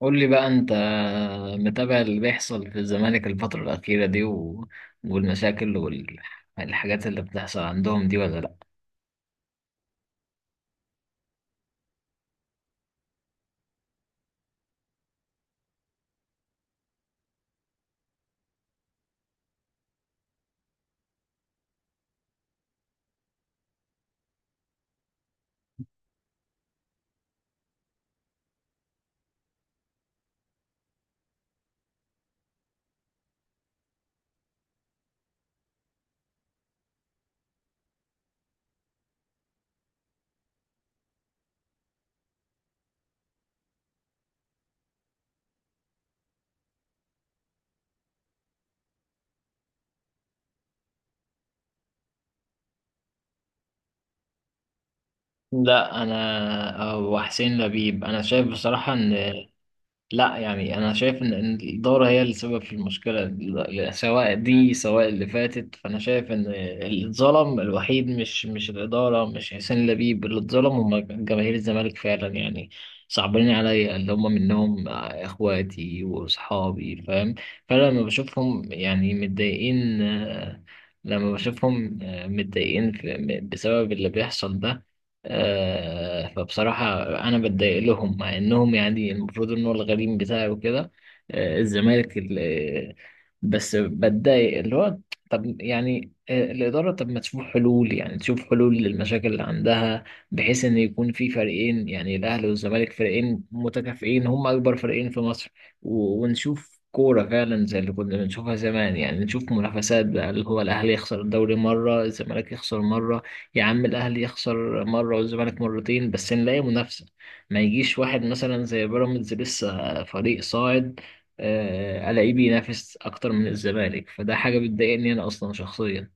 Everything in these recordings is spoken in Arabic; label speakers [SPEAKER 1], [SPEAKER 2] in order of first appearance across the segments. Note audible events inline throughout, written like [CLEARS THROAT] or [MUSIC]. [SPEAKER 1] قول لي بقى، انت متابع اللي بيحصل في الزمالك الفترة الأخيرة دي والمشاكل والحاجات اللي بتحصل عندهم دي ولا لأ؟ لا، انا او حسين لبيب، انا شايف بصراحة ان لا، انا شايف إن الدوره هي السبب في المشكله سواء دي سواء اللي فاتت، فانا شايف ان اللي اتظلم الوحيد مش الاداره، مش حسين لبيب، اللي اتظلم هم جماهير الزمالك فعلا، يعني صعبانين عليا اللي هم منهم اخواتي واصحابي، فاهم؟ فانا لما بشوفهم يعني متضايقين، لما بشوفهم متضايقين بسبب اللي بيحصل ده، فبصراحة أنا بتضايق لهم مع إنهم يعني المفروض إن هو الغريم بتاعي وكده. الزمالك بس بتضايق اللي هو طب يعني، الإدارة طب ما تشوف حلول، يعني تشوف حلول للمشاكل اللي عندها، بحيث إن يكون في فريقين يعني الأهلي والزمالك، فريقين متكافئين، هم أكبر فريقين في مصر ونشوف كورة فعلا زي اللي كنا بنشوفها زمان، يعني نشوف منافسات بقى، اللي هو الأهلي يخسر الدوري مرة الزمالك يخسر مرة، يا عم الاهلي يخسر مره والزمالك مرتين، بس نلاقي منافسه. ما يجيش واحد مثلا زي بيراميدز لسه فريق صاعد، الاقيه بينافس اكتر من الزمالك، فده حاجه بتضايقني انا اصلا شخصيا.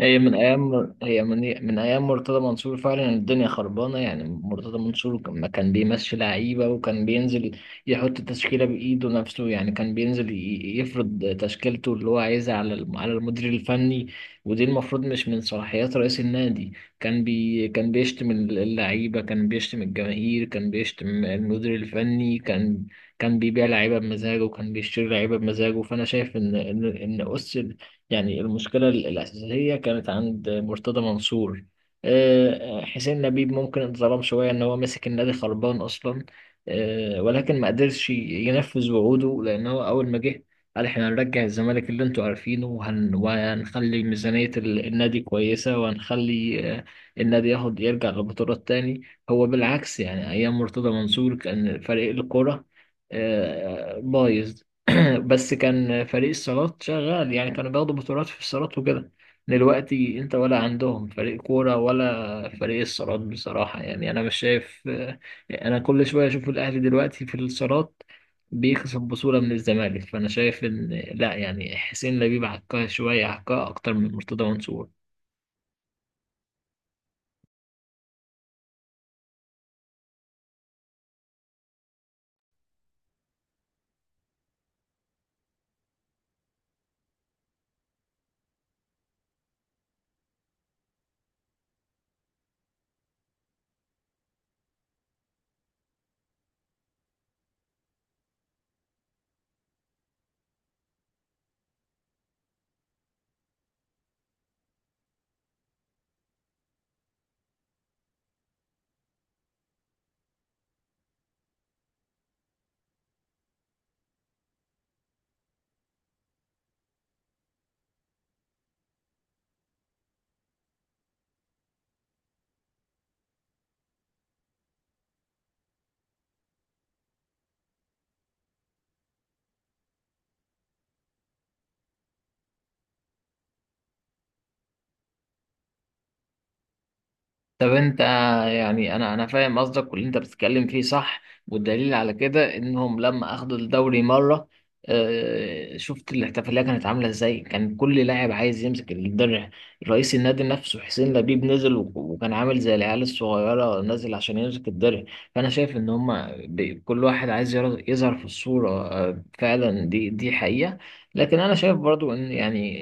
[SPEAKER 1] هي من ايام مرتضى منصور فعلا الدنيا خربانه، يعني مرتضى منصور لما كان بيمشي لعيبه وكان بينزل يحط تشكيله بايده نفسه، يعني كان بينزل يفرض تشكيلته اللي هو عايزها على على المدير الفني، ودي المفروض مش من صلاحيات رئيس النادي. كان بيشتم اللعيبه، كان بيشتم الجماهير، كان بيشتم المدير الفني، كان كان بيبيع لعيبه بمزاجه وكان بيشتري لعيبه بمزاجه. فانا شايف ان يعني المشكلة الأساسية كانت عند مرتضى منصور. حسين لبيب ممكن اتظلم شوية إن هو مسك النادي خربان أصلا، ولكن ما قدرش ينفذ وعوده لأن هو أول ما جه قال إحنا هنرجع الزمالك اللي أنتوا عارفينه، وهنخلي ميزانية النادي كويسة، وهنخلي النادي ياخد يرجع لبطولات تاني. هو بالعكس، يعني أيام مرتضى منصور كان فريق الكرة بايظ، [CLEARS THROAT] بس كان فريق الصالات شغال، يعني كانوا بياخدوا بطولات في الصالات وكده. دلوقتي انت ولا عندهم فريق كورة ولا فريق الصالات، بصراحة يعني انا مش شايف. انا كل شوية اشوف الاهلي دلوقتي في الصالات بيكسب بطولة من الزمالك، فانا شايف ان لا، يعني حسين لبيب عكها شوية، عكها اكتر من مرتضى منصور. طب انت يعني، انا فاهم قصدك واللي انت بتتكلم فيه صح، والدليل على كده انهم لما اخدوا الدوري مره، شفت الاحتفاليه كانت عامله ازاي، كان كل لاعب عايز يمسك الدرع، رئيس النادي نفسه حسين لبيب نزل وكان عامل زي العيال الصغيره نازل عشان يمسك الدرع. فانا شايف ان هم كل واحد عايز يظهر في الصوره، فعلا دي حقيقه. لكن انا شايف برضو ان يعني،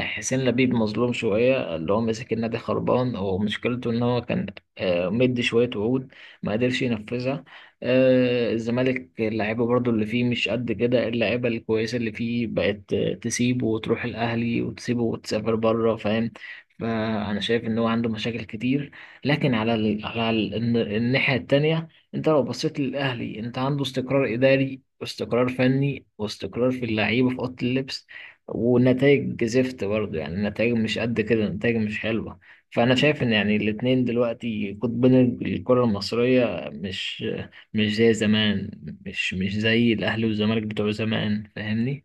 [SPEAKER 1] حسين لبيب مظلوم شويه، اللي هو مسك النادي خربان، ومشكلته ان هو كان مدي شويه وعود ما قدرش ينفذها. الزمالك اللعيبه برضو اللي فيه مش قد كده، اللعيبه الكويسه اللي فيه بقت تسيبه وتروح الاهلي، وتسيبه وتسافر بره، فاهم؟ فانا شايف ان هو عنده مشاكل كتير، لكن على الناحيه التانيه، انت لو بصيت للاهلي انت عنده استقرار اداري واستقرار فني واستقرار في اللعيبة في أوضة اللبس، ونتائج زفت برضه، يعني النتائج مش قد كده، النتائج مش حلوة. فأنا شايف إن يعني الاتنين دلوقتي قطبين، الكرة المصرية مش زي زمان، مش زي الأهلي والزمالك بتوع زمان، فاهمني؟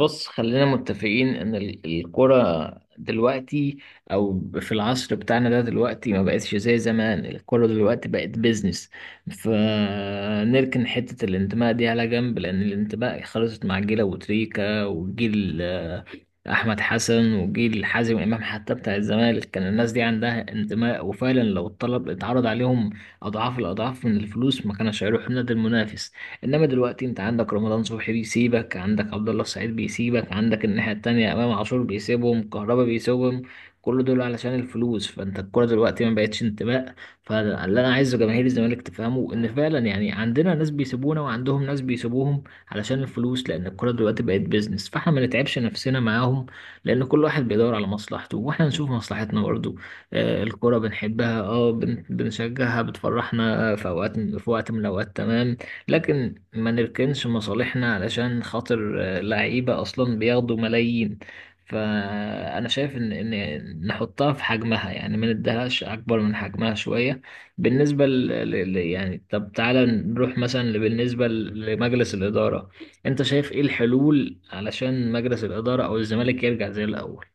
[SPEAKER 1] بص، خلينا متفقين ان الكرة دلوقتي او في العصر بتاعنا ده دلوقتي ما بقتش زي زمان، الكرة دلوقتي بقت بيزنس، فنركن حتة الانتماء دي على جنب، لان الانتماء خلصت مع جيل ابو تريكة وجيل احمد حسن وجيل حازم امام. حتى بتاع الزمالك كان الناس دي عندها انتماء، وفعلا لو الطلب اتعرض عليهم اضعاف الاضعاف من الفلوس ما كانش هيروحوا النادي المنافس. انما دلوقتي انت عندك رمضان صبحي بيسيبك، عندك عبد الله السعيد بيسيبك، عندك الناحية التانية امام عاشور بيسيبهم، كهربا بيسيبهم، كل دول علشان الفلوس. فانت الكوره دلوقتي ما بقتش انتماء، فاللي انا عايزه جماهير الزمالك تفهمه ان فعلا يعني عندنا ناس بيسيبونا وعندهم ناس بيسيبوهم علشان الفلوس، لان الكوره دلوقتي بقت بيزنس، فاحنا ما نتعبش نفسنا معاهم، لان كل واحد بيدور على مصلحته واحنا نشوف مصلحتنا برضه. آه الكوره بنحبها، اه بنشجعها بتفرحنا، في اوقات في وقت من الاوقات، تمام، لكن ما نركنش مصالحنا علشان خاطر لعيبة أصلا بياخدوا ملايين. فأنا شايف إن نحطها في حجمها، يعني ما نديهاش أكبر من حجمها شوية. بالنسبة يعني طب تعالى نروح مثلا بالنسبة لمجلس الإدارة، أنت شايف إيه الحلول علشان مجلس الإدارة أو الزمالك يرجع زي الأول؟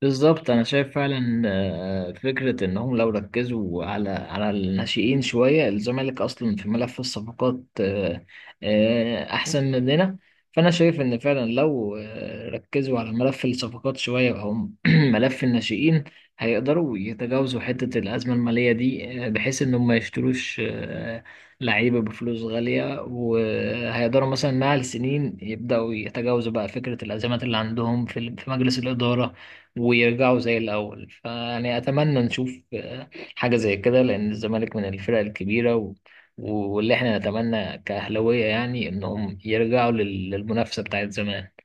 [SPEAKER 1] بالظبط، انا شايف فعلا فكره انهم لو ركزوا على على الناشئين شويه، الزمالك اصلا في ملف الصفقات احسن مننا، فانا شايف ان فعلا لو ركزوا على ملف الصفقات شويه او [CLEARS THROAT] ملف الناشئين، هيقدروا يتجاوزوا حته الازمه الماليه دي، بحيث انهم ما يشتروش لعيبه بفلوس غاليه، وهيقدروا مثلا مع السنين يبداوا يتجاوزوا بقى فكره الازمات اللي عندهم في في مجلس الاداره ويرجعوا زي الأول. فيعني أتمنى نشوف حاجة زي كده، لأن الزمالك من الفرق الكبيرة واللي احنا نتمنى كأهلاوية يعني إنهم يرجعوا للمنافسة بتاعت زمان.